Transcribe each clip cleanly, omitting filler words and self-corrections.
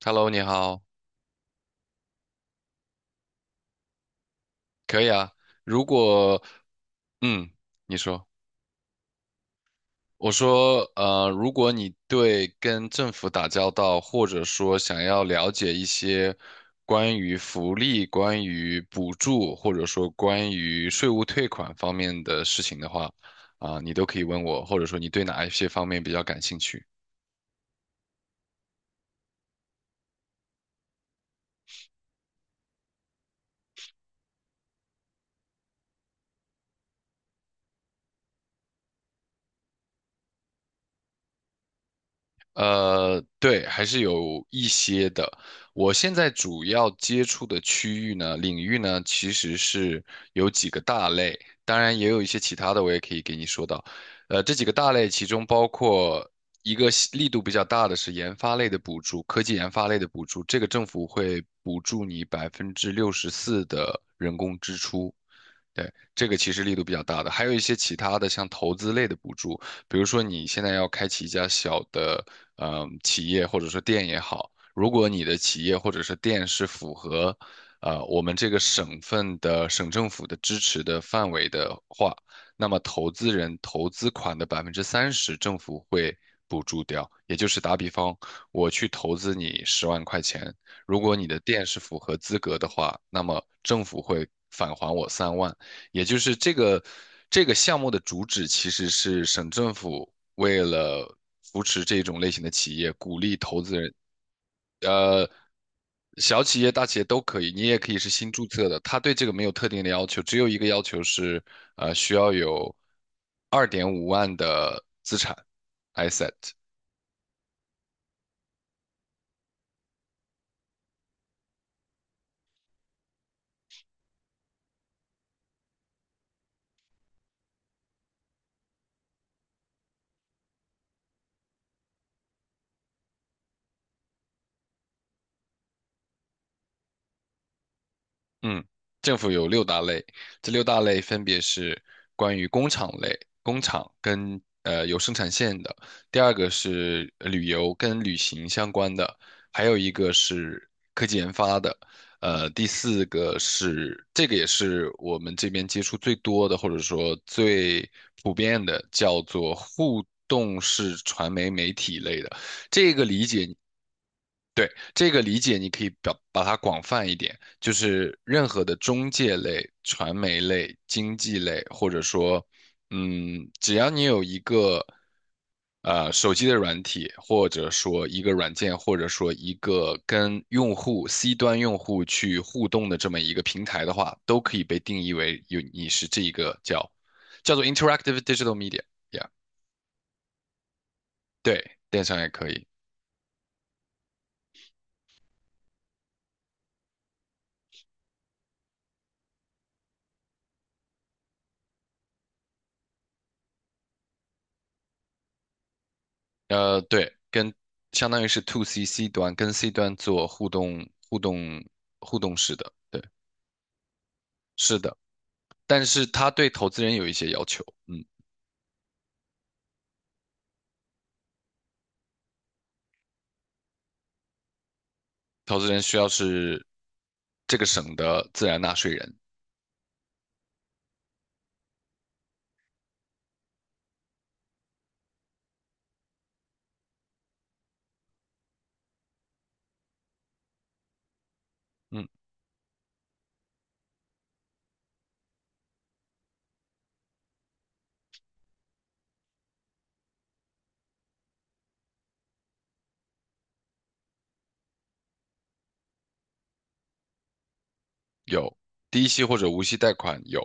Hello，你好，可以啊。如果，嗯，你说，我说，如果你对跟政府打交道，或者说想要了解一些关于福利、关于补助，或者说关于税务退款方面的事情的话，你都可以问我，或者说你对哪一些方面比较感兴趣。呃，对，还是有一些的。我现在主要接触的区域呢，领域呢，其实是有几个大类，当然也有一些其他的，我也可以给你说到。这几个大类，其中包括一个细力度比较大的是研发类的补助，科技研发类的补助，这个政府会补助你百分之六十四的人工支出。对，这个其实力度比较大的，还有一些其他的像投资类的补助，比如说你现在要开启一家小的企业或者说店也好，如果你的企业或者是店是符合我们这个省份的省政府的支持的范围的话，那么投资人投资款的百分之三十政府会补助掉，也就是打比方，我去投资你十万块钱，如果你的店是符合资格的话，那么政府会返还我三万。也就是这个项目的主旨其实是省政府为了扶持这种类型的企业，鼓励投资人，呃，小企业、大企业都可以，你也可以是新注册的，它对这个没有特定的要求，只有一个要求是，呃，需要有二点五万的资产 asset。嗯，政府有六大类，这六大类分别是关于工厂类，工厂跟有生产线的；第二个是旅游跟旅行相关的；还有一个是科技研发的；呃，第四个是这个也是我们这边接触最多的，或者说最普遍的，叫做互动式传媒媒体类的。这个理解对，这个理解，你可以表把它广泛一点，就是任何的中介类、传媒类、经济类，或者说，嗯，只要你有一个手机的软体，或者说一个软件，或者说一个跟用户 C 端用户去互动的这么一个平台的话，都可以被定义为有你是这一个叫做 interactive digital media，yeah，对，电商也可以。呃，对，跟相当于是 to C 端跟 C 端做互动式的，对，是的。但是他对投资人有一些要求，嗯，投资人需要是这个省的自然纳税人，嗯，有低息或者无息贷款有，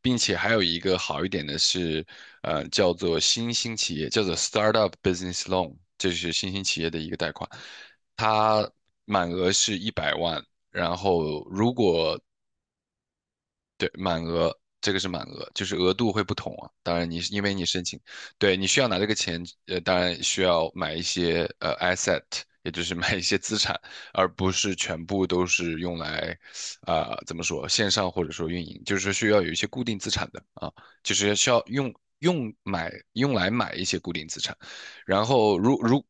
并且还有一个好一点的是，呃，叫做新兴企业，叫做 startup business loan，这是新兴企业的一个贷款，它满额是一百万。然后，如果对，满额，这个是满额，就是额度会不同啊。当然你，是因为你申请，对，你需要拿这个钱，当然需要买一些asset，也就是买一些资产，而不是全部都是用来，怎么说，线上或者说运营，就是需要有一些固定资产的啊，就是需要用来买一些固定资产，然后如。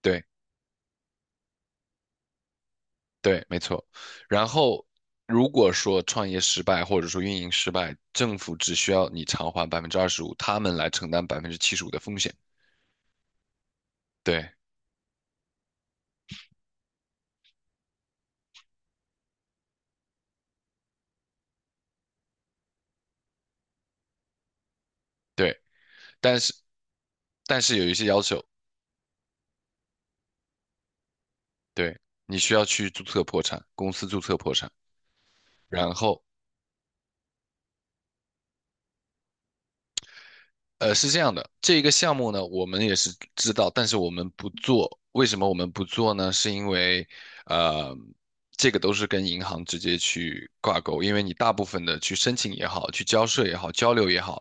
对，对，没错。然后，如果说创业失败或者说运营失败，政府只需要你偿还百分之二十五，他们来承担百分之七十五的风险。对对，但是但是有一些要求，对，你需要去注册破产，公司注册破产，然后呃，是这样的，这个项目呢，我们也是知道，但是我们不做。为什么我们不做呢？是因为，呃，这个都是跟银行直接去挂钩，因为你大部分的去申请也好，去交税也好，交流也好，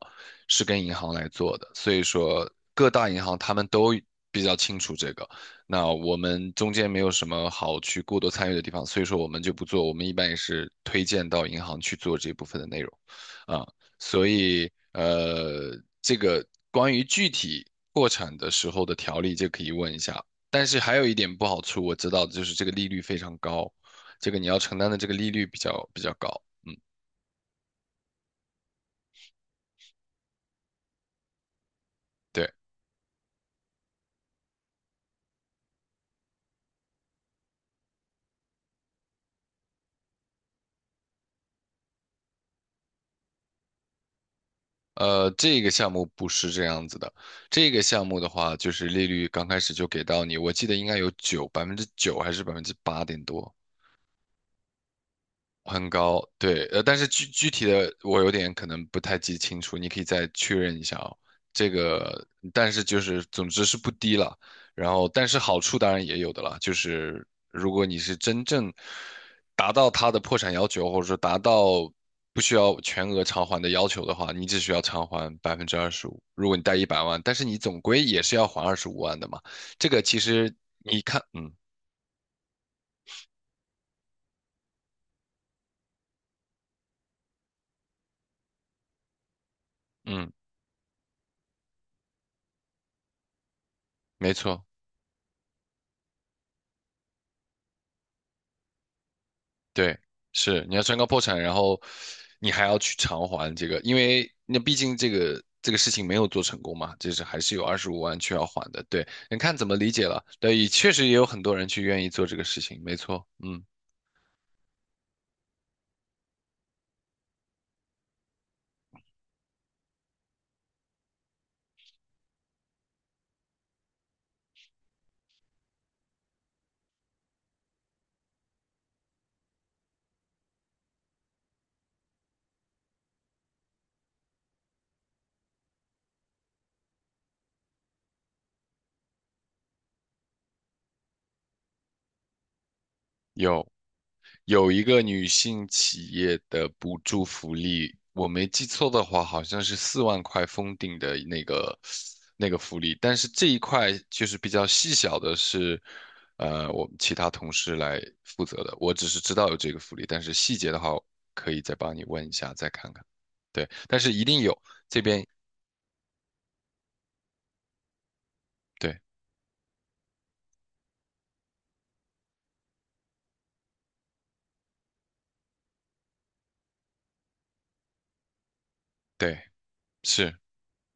是跟银行来做的。所以说，各大银行他们都比较清楚这个。那我们中间没有什么好去过多参与的地方，所以说我们就不做。我们一般也是推荐到银行去做这部分的内容，啊、所以呃，这个关于具体破产的时候的条例，就可以问一下。但是还有一点不好处，我知道的就是这个利率非常高，这个你要承担的这个利率比较高。对，呃，这个项目不是这样子的，这个项目的话，就是利率刚开始就给到你，我记得应该有九百分之九还是百分之八点多，很高，对，但是具体的我有点可能不太记清楚，你可以再确认一下哦。这个，但是就是总之是不低了，然后但是好处当然也有的啦，就是如果你是真正达到它的破产要求，或者说达到不需要全额偿还的要求的话，你只需要偿还百分之二十五。如果你贷一百万，但是你总归也是要还二十五万的嘛，这个其实你看，嗯嗯，没错。对，是你要宣告破产，然后你还要去偿还这个，因为那毕竟这个事情没有做成功嘛，就是还是有二十五万去要还的。对，你看怎么理解了？对，也确实也有很多人去愿意做这个事情，没错，嗯，有。有一个女性企业的补助福利，我没记错的话，好像是四万块封顶的那个福利。但是这一块就是比较细小的是，我们其他同事来负责的。我只是知道有这个福利，但是细节的话，可以再帮你问一下，再看看。对，但是一定有这边，对对是。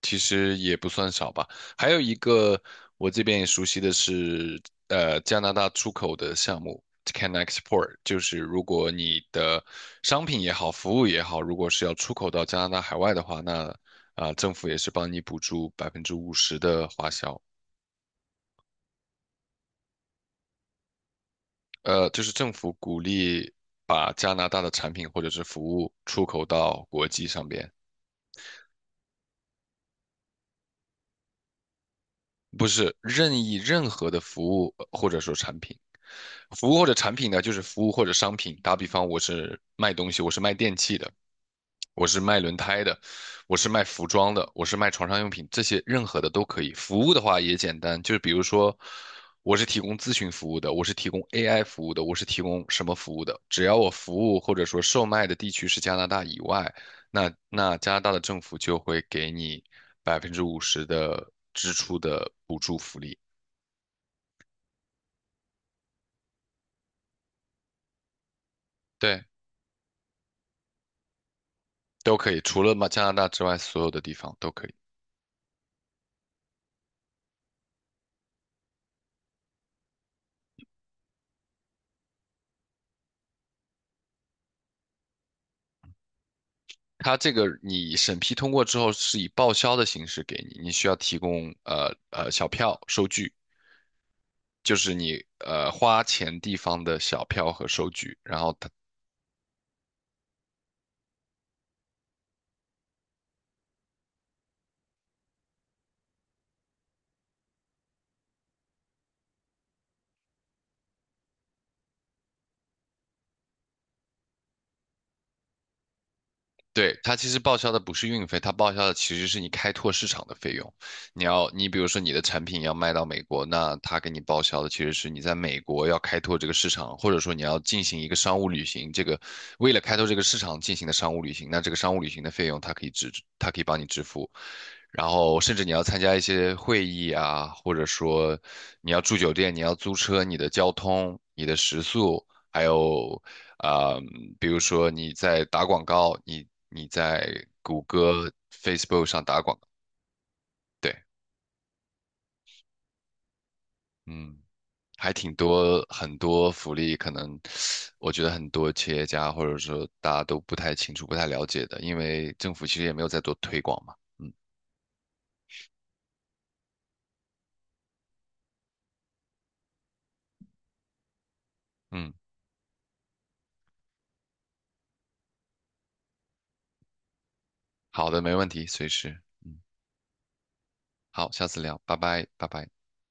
其实也不算少吧。还有一个我这边也熟悉的是，加拿大出口的项目 Can Export，就是如果你的商品也好，服务也好，如果是要出口到加拿大海外的话，那政府也是帮你补助百分之五十的花销。就是政府鼓励把加拿大的产品或者是服务出口到国际上边。不是任意任何的服务或者说产品，服务或者产品呢，就是服务或者商品。打比方，我是卖东西，我是卖电器的，我是卖轮胎的，我是卖服装的，我是卖床上用品，这些任何的都可以。服务的话也简单，就是比如说，我是提供咨询服务的，我是提供 AI 服务的，我是提供什么服务的，只要我服务或者说售卖的地区是加拿大以外，那加拿大的政府就会给你百分之五十的支出的补助福利，对，都可以，除了嘛加拿大之外，所有的地方都可以。它这个你审批通过之后是以报销的形式给你，你需要提供小票收据，就是你花钱地方的小票和收据，然后它对，它其实报销的不是运费，它报销的其实是你开拓市场的费用。你要，你比如说你的产品要卖到美国，那它给你报销的其实是你在美国要开拓这个市场，或者说你要进行一个商务旅行，这个为了开拓这个市场进行的商务旅行，那这个商务旅行的费用它可以支，它可以帮你支付。然后甚至你要参加一些会议啊，或者说你要住酒店，你要租车，你的交通、你的食宿，还有啊、呃比如说你在打广告，你在谷歌、Facebook 上打广告对，嗯，还挺多很多福利，可能我觉得很多企业家或者说大家都不太清楚、不太了解的，因为政府其实也没有在做推广嘛，嗯嗯，好的，没问题，随时，好，下次聊，拜拜，拜拜。